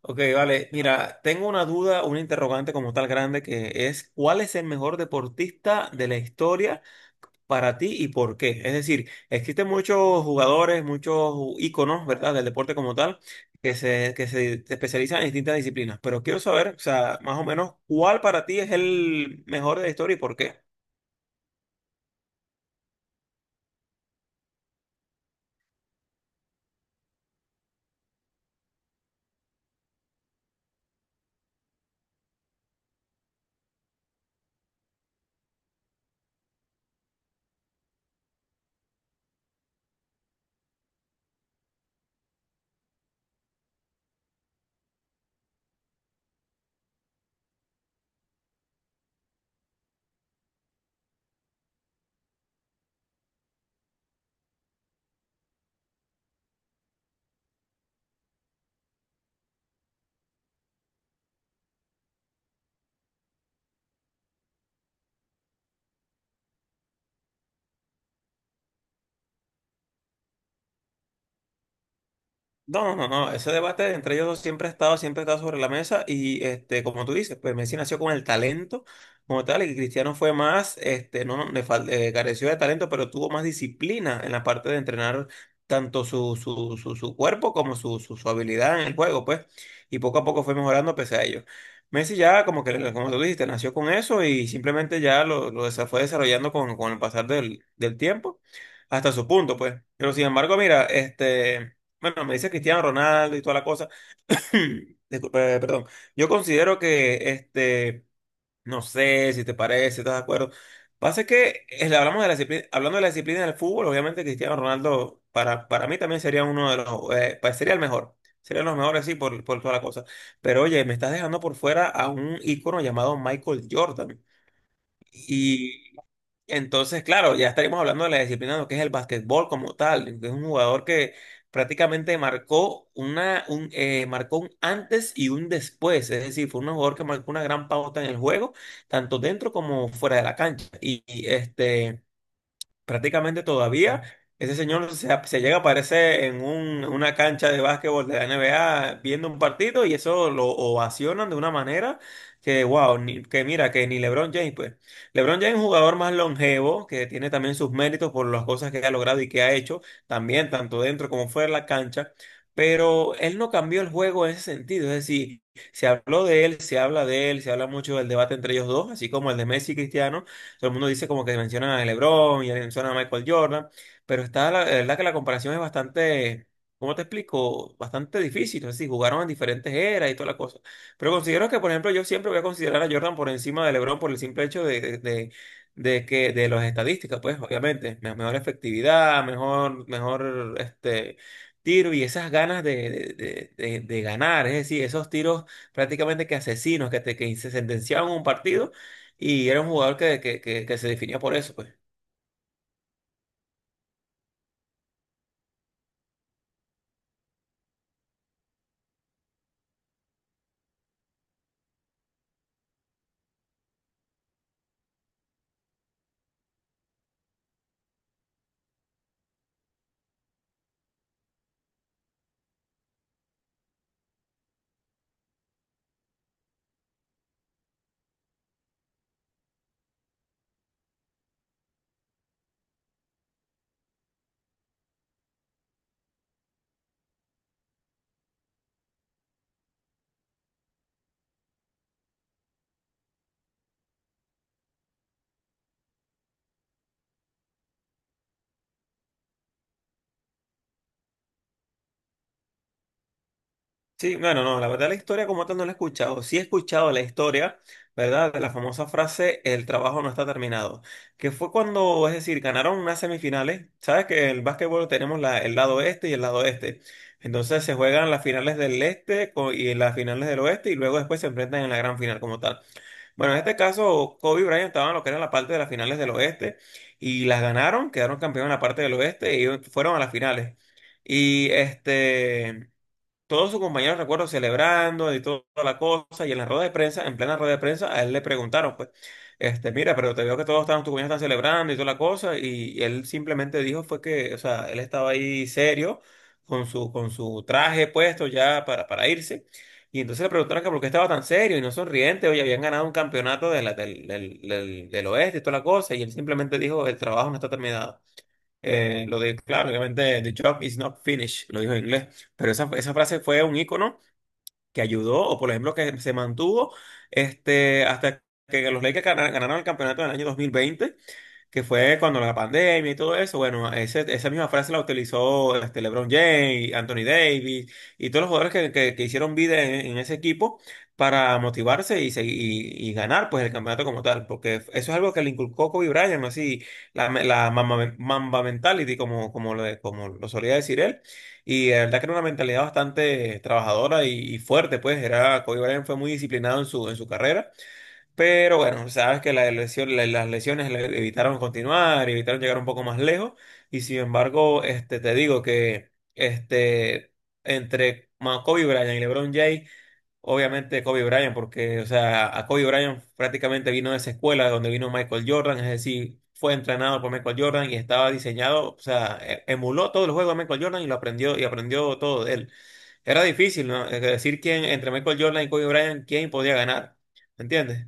Ok, vale. Mira, tengo una duda, una interrogante como tal grande que es, ¿cuál es el mejor deportista de la historia para ti y por qué? Es decir, existen muchos jugadores, muchos íconos, ¿verdad?, del deporte como tal, que se especializan en distintas disciplinas, pero quiero saber, o sea, más o menos, ¿cuál para ti es el mejor de la historia y por qué? No, no, no, no, ese debate entre ellos dos siempre ha estado sobre la mesa y este, como tú dices, pues Messi nació con el talento como tal y Cristiano fue más, este, no, no, careció de talento, pero tuvo más disciplina en la parte de entrenar tanto su cuerpo como su habilidad en el juego, pues, y poco a poco fue mejorando pese a ello. Messi ya, como que, como tú dijiste, nació con eso y simplemente ya fue desarrollando con el pasar del, del tiempo hasta su punto, pues. Pero sin embargo, mira, este... Bueno, me dice Cristiano Ronaldo y toda la cosa. Disculpe, perdón. Yo considero que, este, no sé si te parece, ¿estás de acuerdo? Pasa que le hablamos de la disciplina, hablando de la disciplina del fútbol, obviamente Cristiano Ronaldo para mí también sería uno de los, sería el mejor. Serían los mejores, sí, por toda la cosa. Pero oye, me estás dejando por fuera a un ícono llamado Michael Jordan. Entonces, claro, ya estaríamos hablando de la disciplina de lo que es el básquetbol como tal. Que Es un jugador que prácticamente marcó marcó un antes y un después. Es decir, fue un jugador que marcó una gran pauta en el juego, tanto dentro como fuera de la cancha. Prácticamente todavía ese señor se llega a aparecer en una cancha de básquetbol de la NBA viendo un partido y eso lo ovacionan de una manera que, wow, que mira, que ni LeBron James, pues. LeBron James es un jugador más longevo, que tiene también sus méritos por las cosas que ha logrado y que ha hecho, también tanto dentro como fuera de la cancha, pero él no cambió el juego en ese sentido, es decir, se habló de él, se habla de él, se habla mucho del debate entre ellos dos, así como el de Messi y Cristiano. Todo el mundo dice como que mencionan a LeBron y mencionan a Michael Jordan, pero está la verdad que la comparación es bastante, ¿cómo te explico? Bastante difícil, es decir, jugaron en diferentes eras y toda la cosa. Pero considero que, por ejemplo, yo siempre voy a considerar a Jordan por encima de LeBron por el simple hecho de que de las estadísticas, pues obviamente, mejor efectividad, mejor este tiro y esas ganas ganar, es decir, esos tiros prácticamente que asesinos que te que sentenciaban un partido y era un jugador que se definía por eso, pues. Sí, bueno, no, la verdad la historia como tal no la he escuchado. Sí he escuchado la historia, ¿verdad? De la famosa frase, el trabajo no está terminado. Que fue cuando, es decir, ganaron unas semifinales. Sabes que en el básquetbol tenemos el lado este y el lado este. Entonces se juegan las finales y las finales del oeste y luego después se enfrentan en la gran final como tal. Bueno, en este caso, Kobe y Bryant estaban lo que era la parte de las finales del oeste y las ganaron, quedaron campeones en la parte del oeste y fueron a las finales. Y este. Todos sus compañeros, recuerdo, celebrando y toda la cosa, y en la rueda de prensa, en plena rueda de prensa, a él le preguntaron, pues, este, mira, pero te veo que todos están, tus compañeros están celebrando y toda la cosa, y él simplemente dijo fue que, o sea, él estaba ahí serio, con su traje puesto ya para irse, y entonces le preguntaron que por qué estaba tan serio y no sonriente, oye, habían ganado un campeonato de del oeste y toda la cosa, y él simplemente dijo, el trabajo no está terminado. Claro, obviamente, the job is not finished, lo dijo en inglés, pero esa frase fue un icono que ayudó, o por ejemplo, que se mantuvo este, hasta que los Lakers ganaron el campeonato en el año 2020 que fue cuando la pandemia y todo eso, bueno, esa misma frase la utilizó este, LeBron James, Anthony Davis y todos los jugadores que, que hicieron vida en ese equipo para motivarse y ganar pues el campeonato como tal, porque eso es algo que le inculcó Kobe Bryant, así la mamba, mamba mentality como, como lo solía decir él, y la verdad que era una mentalidad bastante trabajadora y fuerte, pues era Kobe Bryant fue muy disciplinado en su carrera. Pero bueno, sabes que las lesiones le evitaron continuar, evitaron llegar un poco más lejos. Y sin embargo, este, te digo que este, entre Kobe Bryant y LeBron James, obviamente Kobe Bryant, porque o sea, a Kobe Bryant prácticamente vino de esa escuela de donde vino Michael Jordan, es decir, fue entrenado por Michael Jordan y estaba diseñado, o sea, emuló todos los juegos de Michael Jordan y lo aprendió y aprendió todo de él. Era difícil, ¿no? Es decir, ¿quién entre Michael Jordan y Kobe Bryant, quién podía ganar, ¿me entiendes?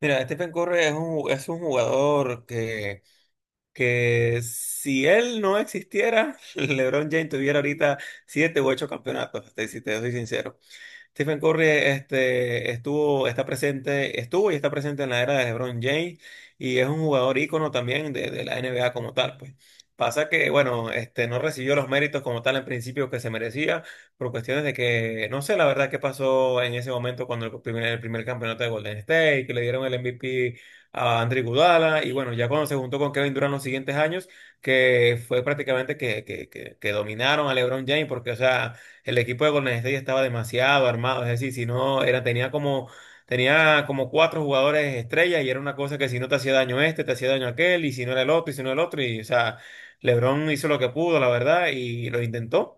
Mira, Stephen Curry es es un jugador que si él no existiera, LeBron James tuviera ahorita 7 u 8 campeonatos, si te soy sincero. Stephen Curry este, está presente, estuvo y está presente en la era de LeBron James y es un jugador ícono también de la NBA como tal, pues. Pasa que, bueno, este, no recibió los méritos como tal en principio que se merecía por cuestiones de que, no sé la verdad qué pasó en ese momento cuando el primer campeonato de Golden State, que le dieron el MVP a Andre Iguodala y bueno, ya cuando se juntó con Kevin Durant los siguientes años, que fue prácticamente que dominaron a LeBron James porque, o sea, el equipo de Golden State estaba demasiado armado, es decir, si no, era, tenía tenía como 4 jugadores estrellas y era una cosa que si no te hacía daño este, te hacía daño aquel, y si no era el otro, y si no era el otro, y o sea, LeBron hizo lo que pudo, la verdad, y lo intentó.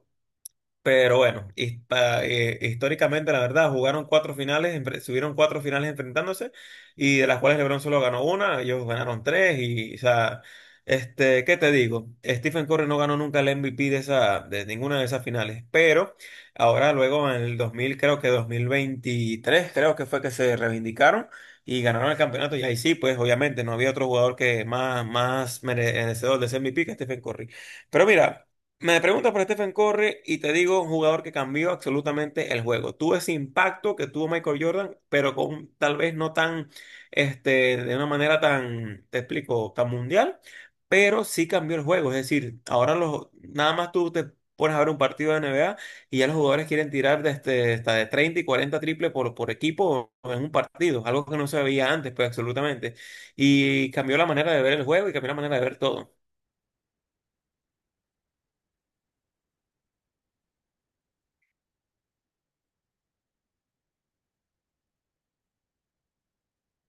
Pero bueno, históricamente, la verdad, jugaron 4 finales, subieron 4 finales enfrentándose, y de las cuales LeBron solo ganó una, ellos ganaron tres, y, o sea, este, ¿qué te digo? Stephen Curry no ganó nunca el MVP de esa, de ninguna de esas finales, pero ahora luego en el 2000, creo que 2023, creo que fue que se reivindicaron y ganaron el campeonato, y ahí sí, pues obviamente no había otro jugador que más, más merecedor de ese MVP que Stephen Curry. Pero mira. Me preguntas por Stephen Curry y te digo un jugador que cambió absolutamente el juego. Tuvo ese impacto que tuvo Michael Jordan, pero con tal vez no tan, este, de una manera tan, te explico, tan mundial, pero sí cambió el juego. Es decir, ahora los, nada más tú te pones a ver un partido de NBA y ya los jugadores quieren tirar hasta de 30 y 40 triples por equipo en un partido, algo que no se veía antes, pues absolutamente. Y cambió la manera de ver el juego y cambió la manera de ver todo.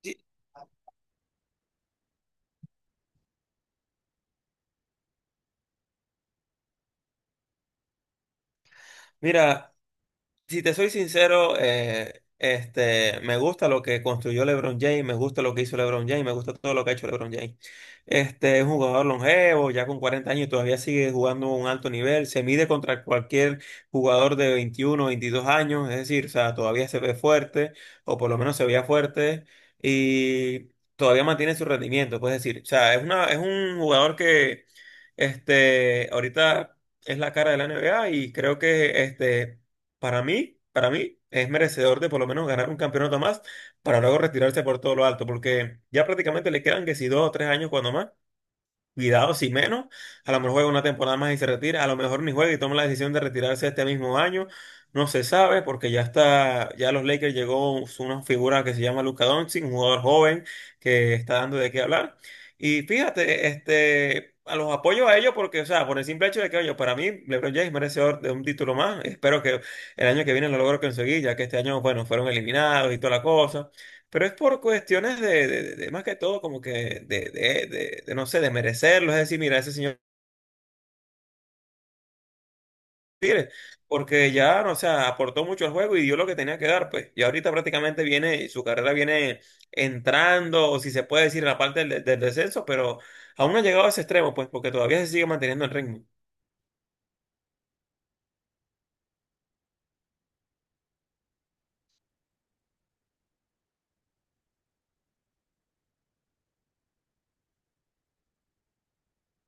Sí. Mira, si te soy sincero, este, me gusta lo que construyó LeBron James, me gusta lo que hizo LeBron James, me gusta todo lo que ha hecho LeBron James. Este es un jugador longevo, ya con 40 años y todavía sigue jugando a un alto nivel, se mide contra cualquier jugador de 21 22 años, es decir, o sea, todavía se ve fuerte, o por lo menos se veía fuerte, y todavía mantiene su rendimiento, puedes decir. O sea, es un jugador que, este, ahorita es la cara de la NBA y creo que, este, para mí es merecedor de por lo menos ganar un campeonato más para luego retirarse por todo lo alto, porque ya prácticamente le quedan que si 2 o 3 años cuando más. Cuidado, si menos, a lo mejor juega una temporada más y se retira, a lo mejor ni juega y toma la decisión de retirarse este mismo año, no se sabe porque ya está, ya a los Lakers llegó una figura que se llama Luka Doncic, un jugador joven que está dando de qué hablar. Y fíjate, este, a los apoyo a ellos porque, o sea, por el simple hecho de que, oye, para mí LeBron James merecedor de un título más, espero que el año que viene lo logro conseguir, ya que este año, bueno, fueron eliminados y toda la cosa. Pero es por cuestiones de más que todo, como que de, de- no sé, de merecerlo. Es decir, mira, ese señor tiene, porque ya, no, o sea, aportó mucho al juego y dio lo que tenía que dar, pues. Y ahorita prácticamente viene, su carrera viene entrando, o si se puede decir, en la parte del, del descenso, pero aún no ha llegado a ese extremo, pues, porque todavía se sigue manteniendo el ritmo.